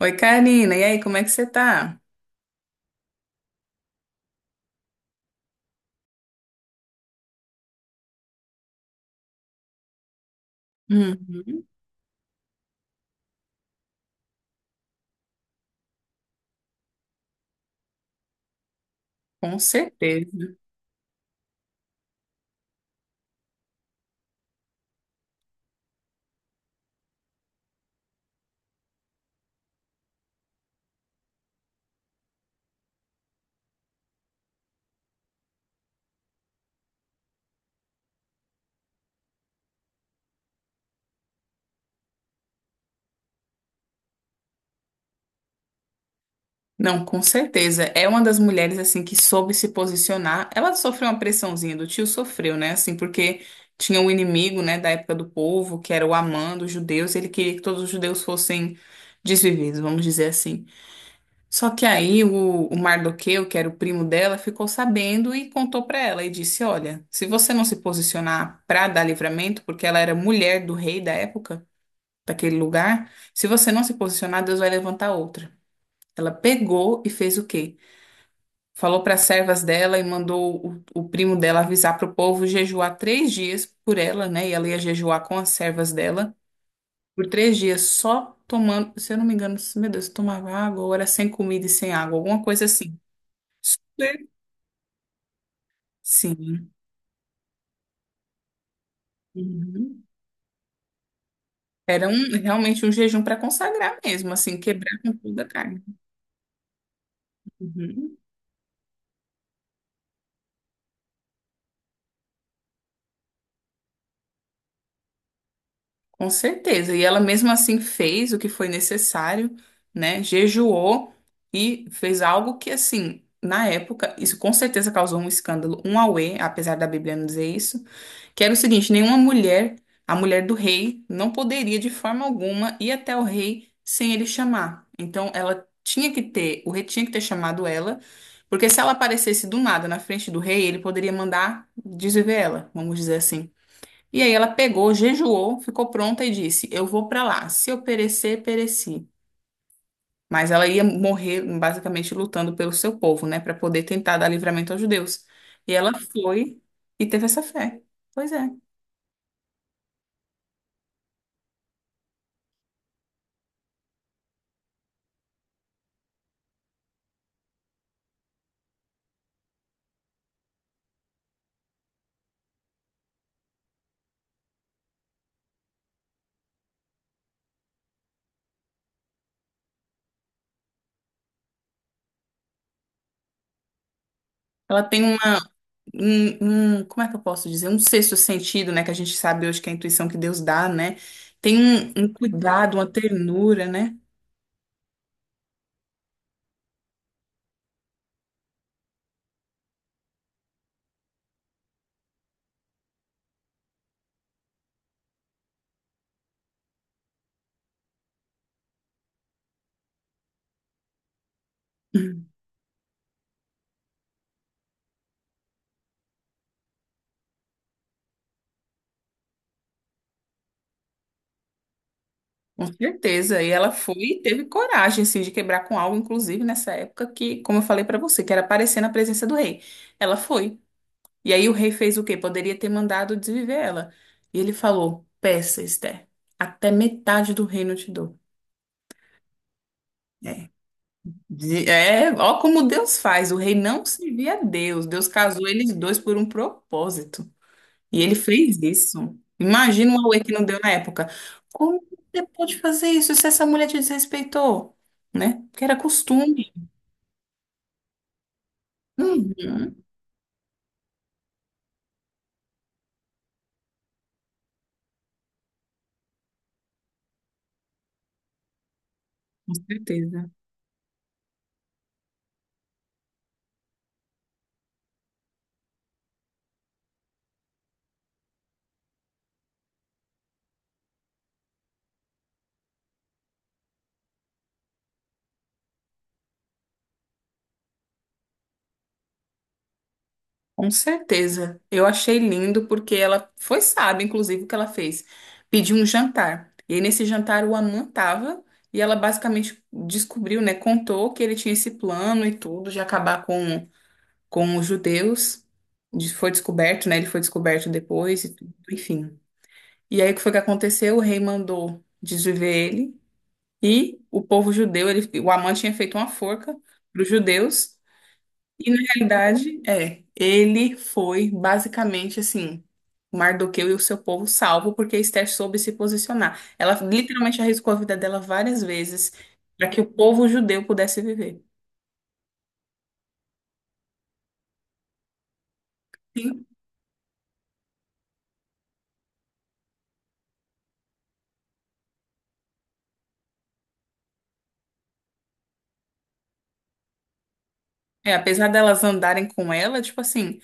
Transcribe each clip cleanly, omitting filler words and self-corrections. Oi, Karina. E aí, como é que você tá? Uhum, com certeza. Não, com certeza. É uma das mulheres assim que soube se posicionar. Ela sofreu uma pressãozinha do tio, sofreu, né? Assim, porque tinha um inimigo, né, da época do povo, que era o Amã dos judeus. Ele queria que todos os judeus fossem desvividos, vamos dizer assim. Só que aí o Mardoqueu, que era o primo dela, ficou sabendo e contou pra ela e disse: "Olha, se você não se posicionar pra dar livramento, porque ela era mulher do rei da época, daquele lugar, se você não se posicionar, Deus vai levantar outra. Ela pegou e fez o quê? Falou para as servas dela e mandou o primo dela avisar para o povo jejuar três dias por ela, né? E ela ia jejuar com as servas dela por três dias só tomando, se eu não me engano, meu Deus, tomava água, ou era sem comida e sem água, alguma coisa assim. Super. Sim. Uhum. Era um, realmente um jejum para consagrar mesmo, assim, quebrar com toda a carne. Uhum. Com certeza. E ela mesmo assim fez o que foi necessário, né? Jejuou e fez algo que, assim, na época, isso com certeza causou um escândalo, um auê, apesar da Bíblia não dizer isso, que era o seguinte: nenhuma mulher, a mulher do rei, não poderia de forma alguma ir até o rei sem ele chamar. Então, ela tinha que ter, o rei tinha que ter chamado ela, porque se ela aparecesse do nada na frente do rei, ele poderia mandar desviver ela, vamos dizer assim. E aí ela pegou, jejuou, ficou pronta e disse: Eu vou pra lá. Se eu perecer, pereci. Mas ela ia morrer basicamente lutando pelo seu povo, né, pra poder tentar dar livramento aos judeus. E ela foi e teve essa fé. Pois é. Ela tem como é que eu posso dizer? Um sexto sentido, né, que a gente sabe hoje que é a intuição que Deus dá, né? Tem um cuidado, uma ternura, né? Com certeza. E ela foi e teve coragem, assim, de quebrar com algo, inclusive nessa época que, como eu falei pra você, que era aparecer na presença do rei. Ela foi. E aí o rei fez o quê? Poderia ter mandado desviver ela. E ele falou: Peça, Esther, até metade do reino eu te dou. É. De- é, ó como Deus faz. O rei não servia a Deus. Deus casou eles dois por um propósito. E ele fez isso. Imagina o auê que não deu na época. Como você pode fazer isso se essa mulher te desrespeitou? Né? Porque era costume. Uhum, com certeza. Com certeza. Eu achei lindo porque ela foi sábia, inclusive, o que ela fez. Pediu um jantar. E aí, nesse jantar, o Aman tava e ela basicamente descobriu, né? Contou que ele tinha esse plano e tudo de acabar com os judeus. De- Foi descoberto, né? Ele foi descoberto depois e tudo, enfim. E aí, o que foi que aconteceu? O rei mandou desviver ele e o povo judeu, ele, o Amã tinha feito uma forca para os judeus e, na realidade, é, ele foi basicamente assim, Mardoqueu e o seu povo salvo, porque Esther soube se posicionar. Ela literalmente arriscou a vida dela várias vezes para que o povo judeu pudesse viver. Sim. É, apesar delas andarem com ela, tipo assim,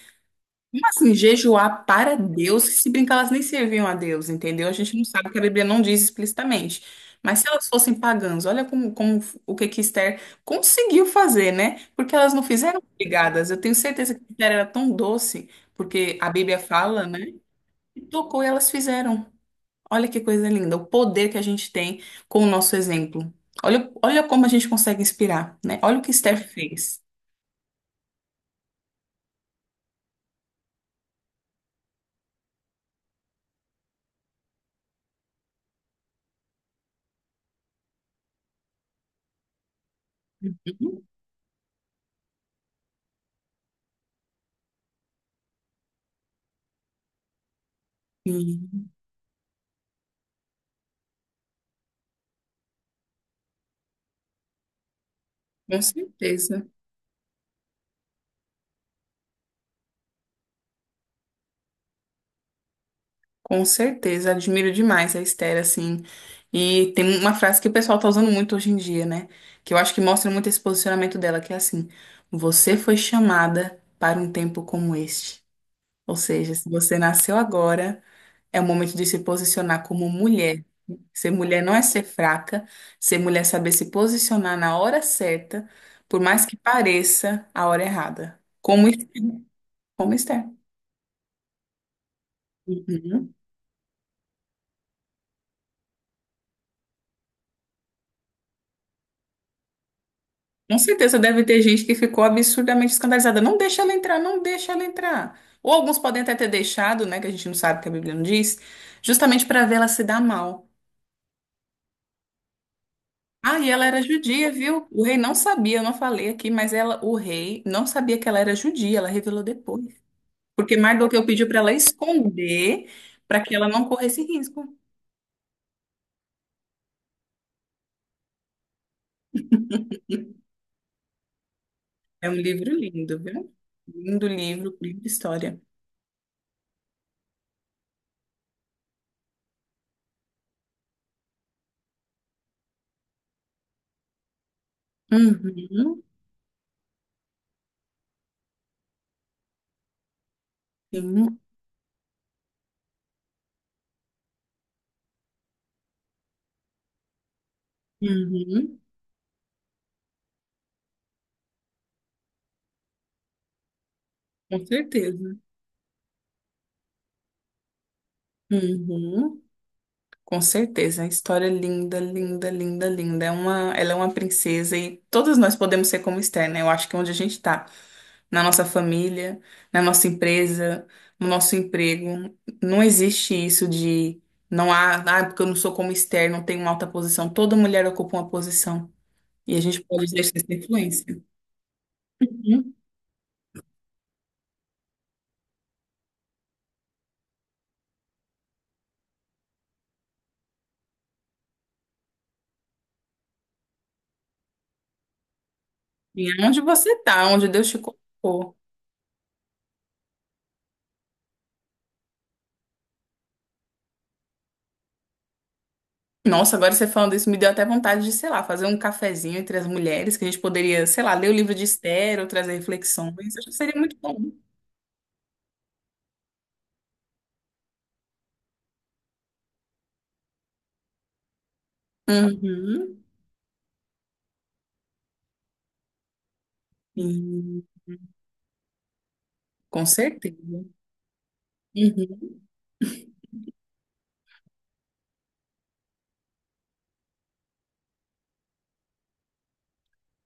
assim, jejuar para Deus, que se brincar, elas nem serviam a Deus, entendeu? A gente não sabe que a Bíblia não diz explicitamente. Mas se elas fossem pagãs, olha como, como o que que Esther conseguiu fazer, né? Porque elas não fizeram obrigadas. Eu tenho certeza que Esther era tão doce, porque a Bíblia fala, né? E tocou e elas fizeram. Olha que coisa linda, o poder que a gente tem com o nosso exemplo. Olha, olha como a gente consegue inspirar, né? Olha o que Esther fez. Uhum. Sim, com certeza. Com certeza, admiro demais a Esther, assim. E tem uma frase que o pessoal tá usando muito hoje em dia, né? Que eu acho que mostra muito esse posicionamento dela, que é assim: você foi chamada para um tempo como este. Ou seja, se você nasceu agora, é o momento de se posicionar como mulher. Ser mulher não é ser fraca, ser mulher é saber se posicionar na hora certa, por mais que pareça a hora errada. Como Esther. Como Esther. Com certeza deve ter gente que ficou absurdamente escandalizada. Não deixa ela entrar, não deixa ela entrar. Ou alguns podem até ter deixado, né, que a gente não sabe que a Bíblia não diz, justamente para ver ela se dar mal. Ah, e ela era judia, viu? O rei não sabia, eu não falei aqui, mas ela, o rei não sabia que ela era judia, ela revelou depois. Porque Mardoqueu pediu para ela esconder, para que ela não corresse risco. É um livro lindo, viu? Lindo livro, livro de história. Uhum, sim, uhum, com certeza. Uhum. Com certeza, a história é linda, linda, linda, linda. É uma, ela é uma princesa e todos nós podemos ser como Esther, né? Eu acho que é onde a gente está, na nossa família, na nossa empresa, no nosso emprego, não existe isso de não há, ah, porque eu não sou como Esther, não tenho uma alta posição. Toda mulher ocupa uma posição e a gente pode deixar essa influência. Uhum. E é onde você está, onde Deus te colocou. Nossa, agora você falando isso me deu até vontade de, sei lá, fazer um cafezinho entre as mulheres, que a gente poderia, sei lá, ler o livro de Esther ou trazer reflexões. Acho que seria muito bom. Uhum. Sim, com certeza. Uhum.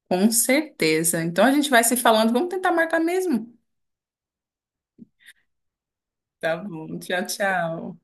Com certeza. Então a gente vai se falando, vamos tentar marcar mesmo. Tá bom, tchau, tchau.